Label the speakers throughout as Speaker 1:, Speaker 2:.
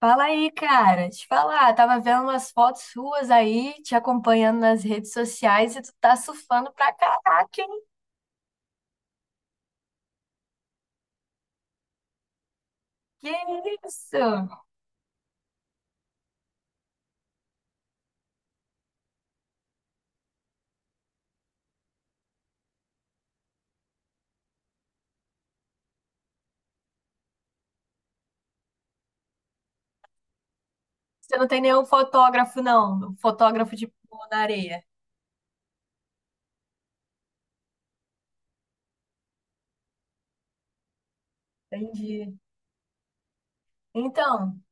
Speaker 1: Fala aí, cara. Te falar, tava vendo umas fotos suas aí, te acompanhando nas redes sociais e tu tá surfando pra caraca, hein? Que isso? Você não tem nenhum fotógrafo, não? Um fotógrafo de pulo na areia. Entendi. Então,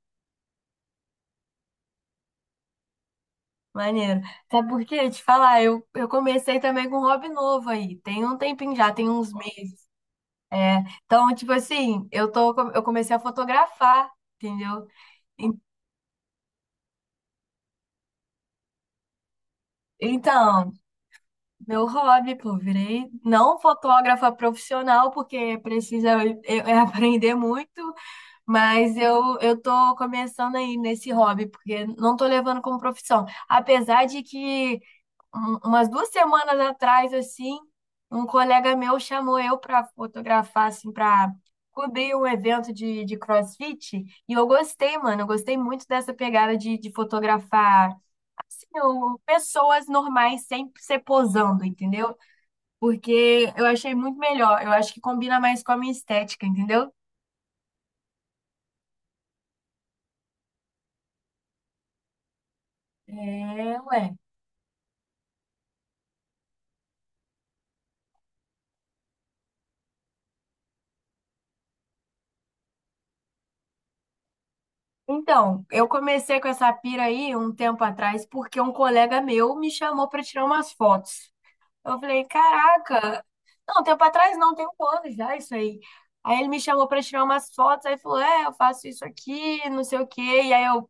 Speaker 1: maneiro. Até porque, te falar, eu comecei também com um hobby novo aí. Tem um tempinho já, tem uns meses. Então, tipo assim, eu tô, eu comecei a fotografar, entendeu? En- Então. Meu hobby, pô, virei não fotógrafa profissional, porque precisa eu aprender muito, mas eu tô começando aí nesse hobby, porque não tô levando como profissão. Apesar de que umas 2 semanas atrás, assim, um colega meu chamou eu para fotografar, assim, para cobrir um evento de CrossFit, e eu gostei, mano, eu gostei muito dessa pegada de fotografar, assim, pessoas normais sem ser posando, entendeu? Porque eu achei muito melhor. Eu acho que combina mais com a minha estética, entendeu? É, ué. Então, eu comecei com essa pira aí um tempo atrás porque um colega meu me chamou para tirar umas fotos. Eu falei, caraca, não, um tempo atrás não, tem 1 ano já isso aí. Aí ele me chamou para tirar umas fotos, aí falou, é, eu faço isso aqui, não sei o quê. E aí eu...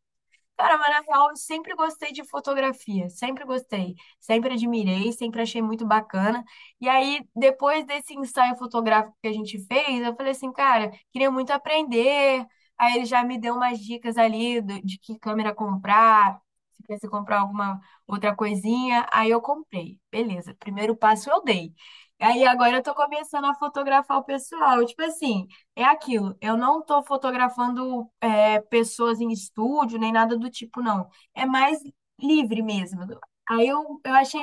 Speaker 1: Cara, mas na real, eu sempre gostei de fotografia, sempre gostei, sempre admirei, sempre achei muito bacana. E aí, depois desse ensaio fotográfico que a gente fez, eu falei assim, cara, queria muito aprender. Aí ele já me deu umas dicas ali de que câmera comprar, se precisa comprar alguma outra coisinha. Aí eu comprei, beleza, primeiro passo eu dei. Aí agora eu tô começando a fotografar o pessoal, tipo assim. É aquilo, eu não estou fotografando é, pessoas em estúdio, nem nada do tipo, não. É mais livre mesmo. Aí eu achei,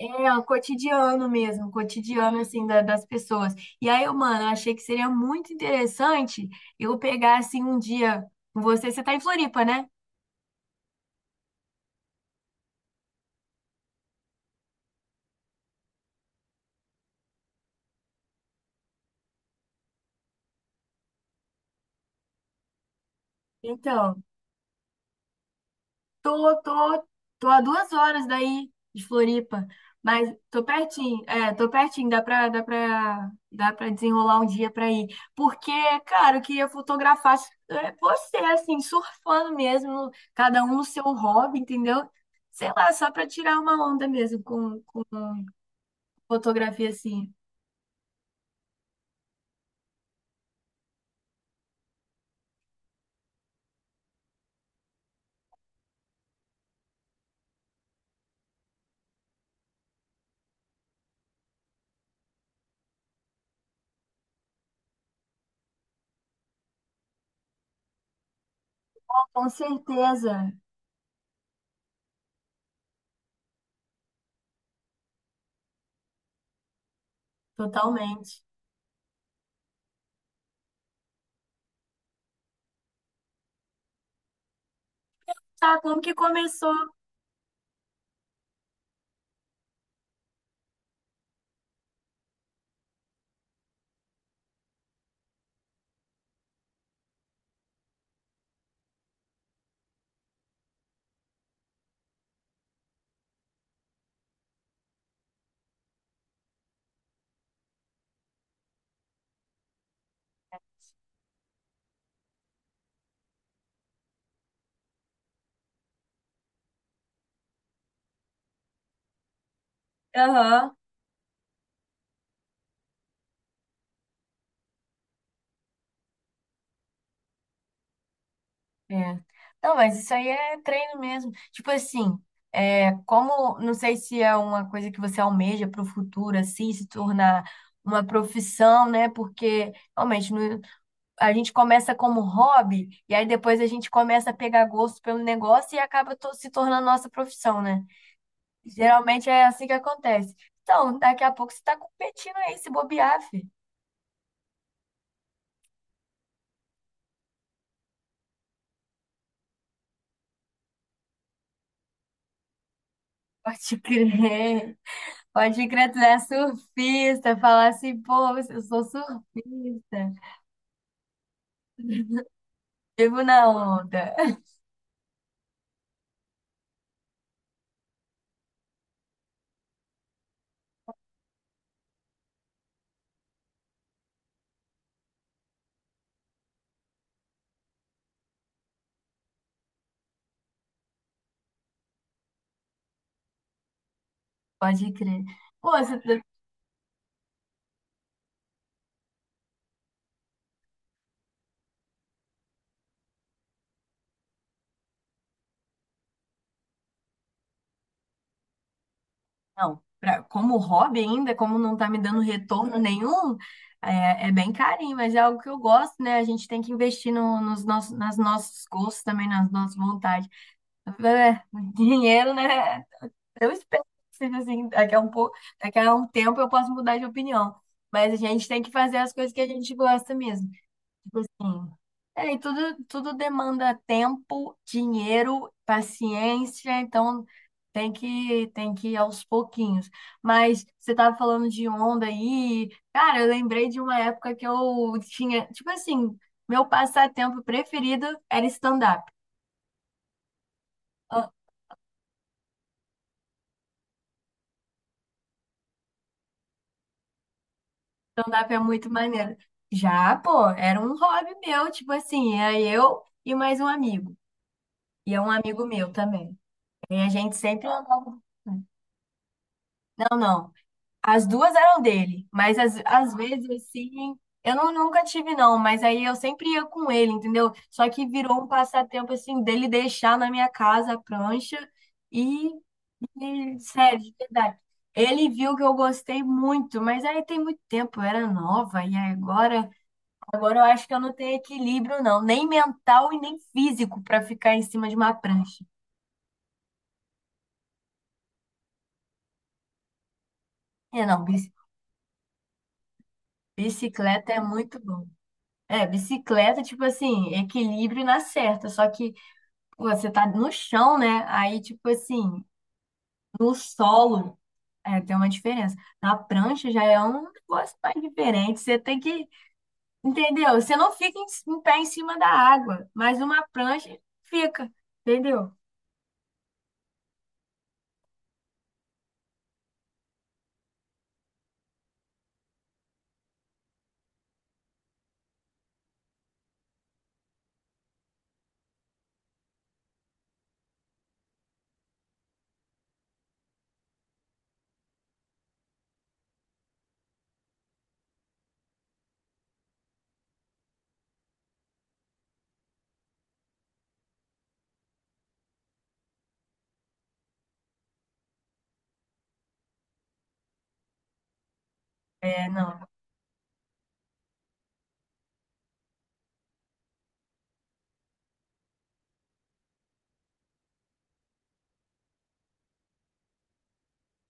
Speaker 1: é, o cotidiano mesmo, o cotidiano, assim, das pessoas. E aí, eu, mano, eu achei que seria muito interessante eu pegar, assim, um dia com você. Você tá em Floripa, né? Então, Tô, tô, tô a 2 horas daí de Floripa, mas tô pertinho, é, tô pertinho, dá pra, dá pra, dá pra desenrolar um dia pra ir. Porque, cara, eu queria fotografar é, você, assim, surfando mesmo, cada um no seu hobby, entendeu? Sei lá, só pra tirar uma onda mesmo com fotografia, assim. Com certeza, totalmente. Tá, como que começou? Aham. É. Não, mas isso aí é treino mesmo. Tipo assim, é, como, não sei se é uma coisa que você almeja para o futuro, assim, se tornar uma profissão, né? Porque realmente a gente começa como hobby e aí depois a gente começa a pegar gosto pelo negócio e acaba se tornando nossa profissão, né? Geralmente é assim que acontece. Então, daqui a pouco você está competindo aí, se bobear, filho. Pode crer. Pode crer, tu é surfista, falar assim, pô, eu sou surfista, vivo na onda. Pode crer. Pô, você... Não, como hobby ainda, como não tá me dando retorno nenhum, é, é bem carinho, mas é algo que eu gosto, né? A gente tem que investir no, nos nossos, nas nossos gostos também, nas nossas vontades. É, dinheiro, né? Eu espero que seja assim, daqui a um pouco, daqui a um tempo eu posso mudar de opinião. Mas a gente tem que fazer as coisas que a gente gosta mesmo. Tipo assim, é, e tudo, tudo demanda tempo, dinheiro, paciência, então tem que ir aos pouquinhos. Mas você estava falando de onda aí, cara, eu lembrei de uma época que eu tinha, tipo assim, meu passatempo preferido era stand-up. Ah, stand-up é muito maneiro. Já, pô, era um hobby meu, tipo assim, era eu e mais um amigo. E é um amigo meu também. E a gente sempre andava. Não, não. As duas eram dele, mas às vezes assim, eu não, nunca tive não, mas aí eu sempre ia com ele, entendeu? Só que virou um passatempo assim dele deixar na minha casa a prancha e, e, sério, de verdade. Ele viu que eu gostei muito, mas aí tem muito tempo, eu era nova e aí agora, agora eu acho que eu não tenho equilíbrio não, nem mental e nem físico para ficar em cima de uma prancha. É, não, bicicleta é muito bom. É, bicicleta, tipo assim, equilíbrio na certa, só que pô, você tá no chão, né? Aí, tipo assim, no solo, é, tem uma diferença. Na prancha já é um negócio mais diferente, você tem que, entendeu? Você não fica em, em pé em cima da água, mas uma prancha fica, entendeu? É, não,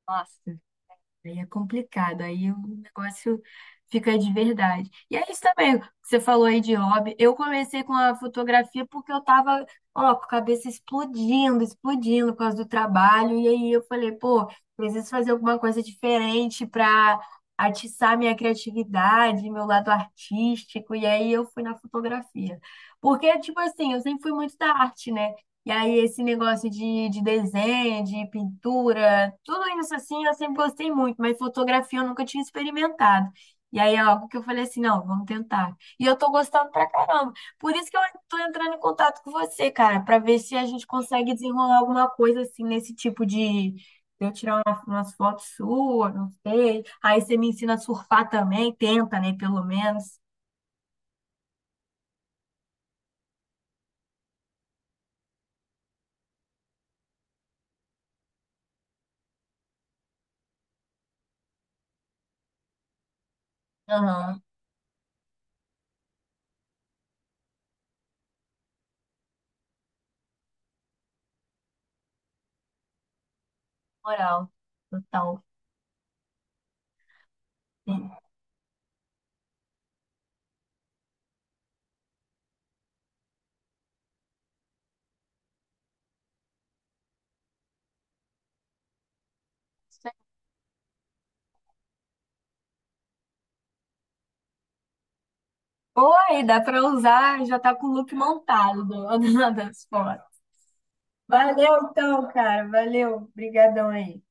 Speaker 1: nossa. Aí é complicado, aí o negócio fica de verdade. E é isso também, que você falou aí de hobby. Eu comecei com a fotografia porque eu tava, ó, com a cabeça explodindo, explodindo por causa do trabalho. E aí eu falei, pô, preciso fazer alguma coisa diferente para atiçar minha criatividade, meu lado artístico. E aí eu fui na fotografia. Porque, tipo assim, eu sempre fui muito da arte, né? E aí, esse negócio de desenho, de pintura, tudo isso assim, eu sempre gostei muito, mas fotografia eu nunca tinha experimentado. E aí é algo que eu falei assim, não, vamos tentar. E eu tô gostando pra caramba. Por isso que eu tô entrando em contato com você, cara, pra ver se a gente consegue desenrolar alguma coisa assim nesse tipo de eu tirar umas fotos suas, não sei. Aí você me ensina a surfar também, tenta, né, pelo menos. Aham, moral, total. Oi, dá pra usar, já tá com o look montado das fotos. Valeu então, cara, valeu, brigadão aí.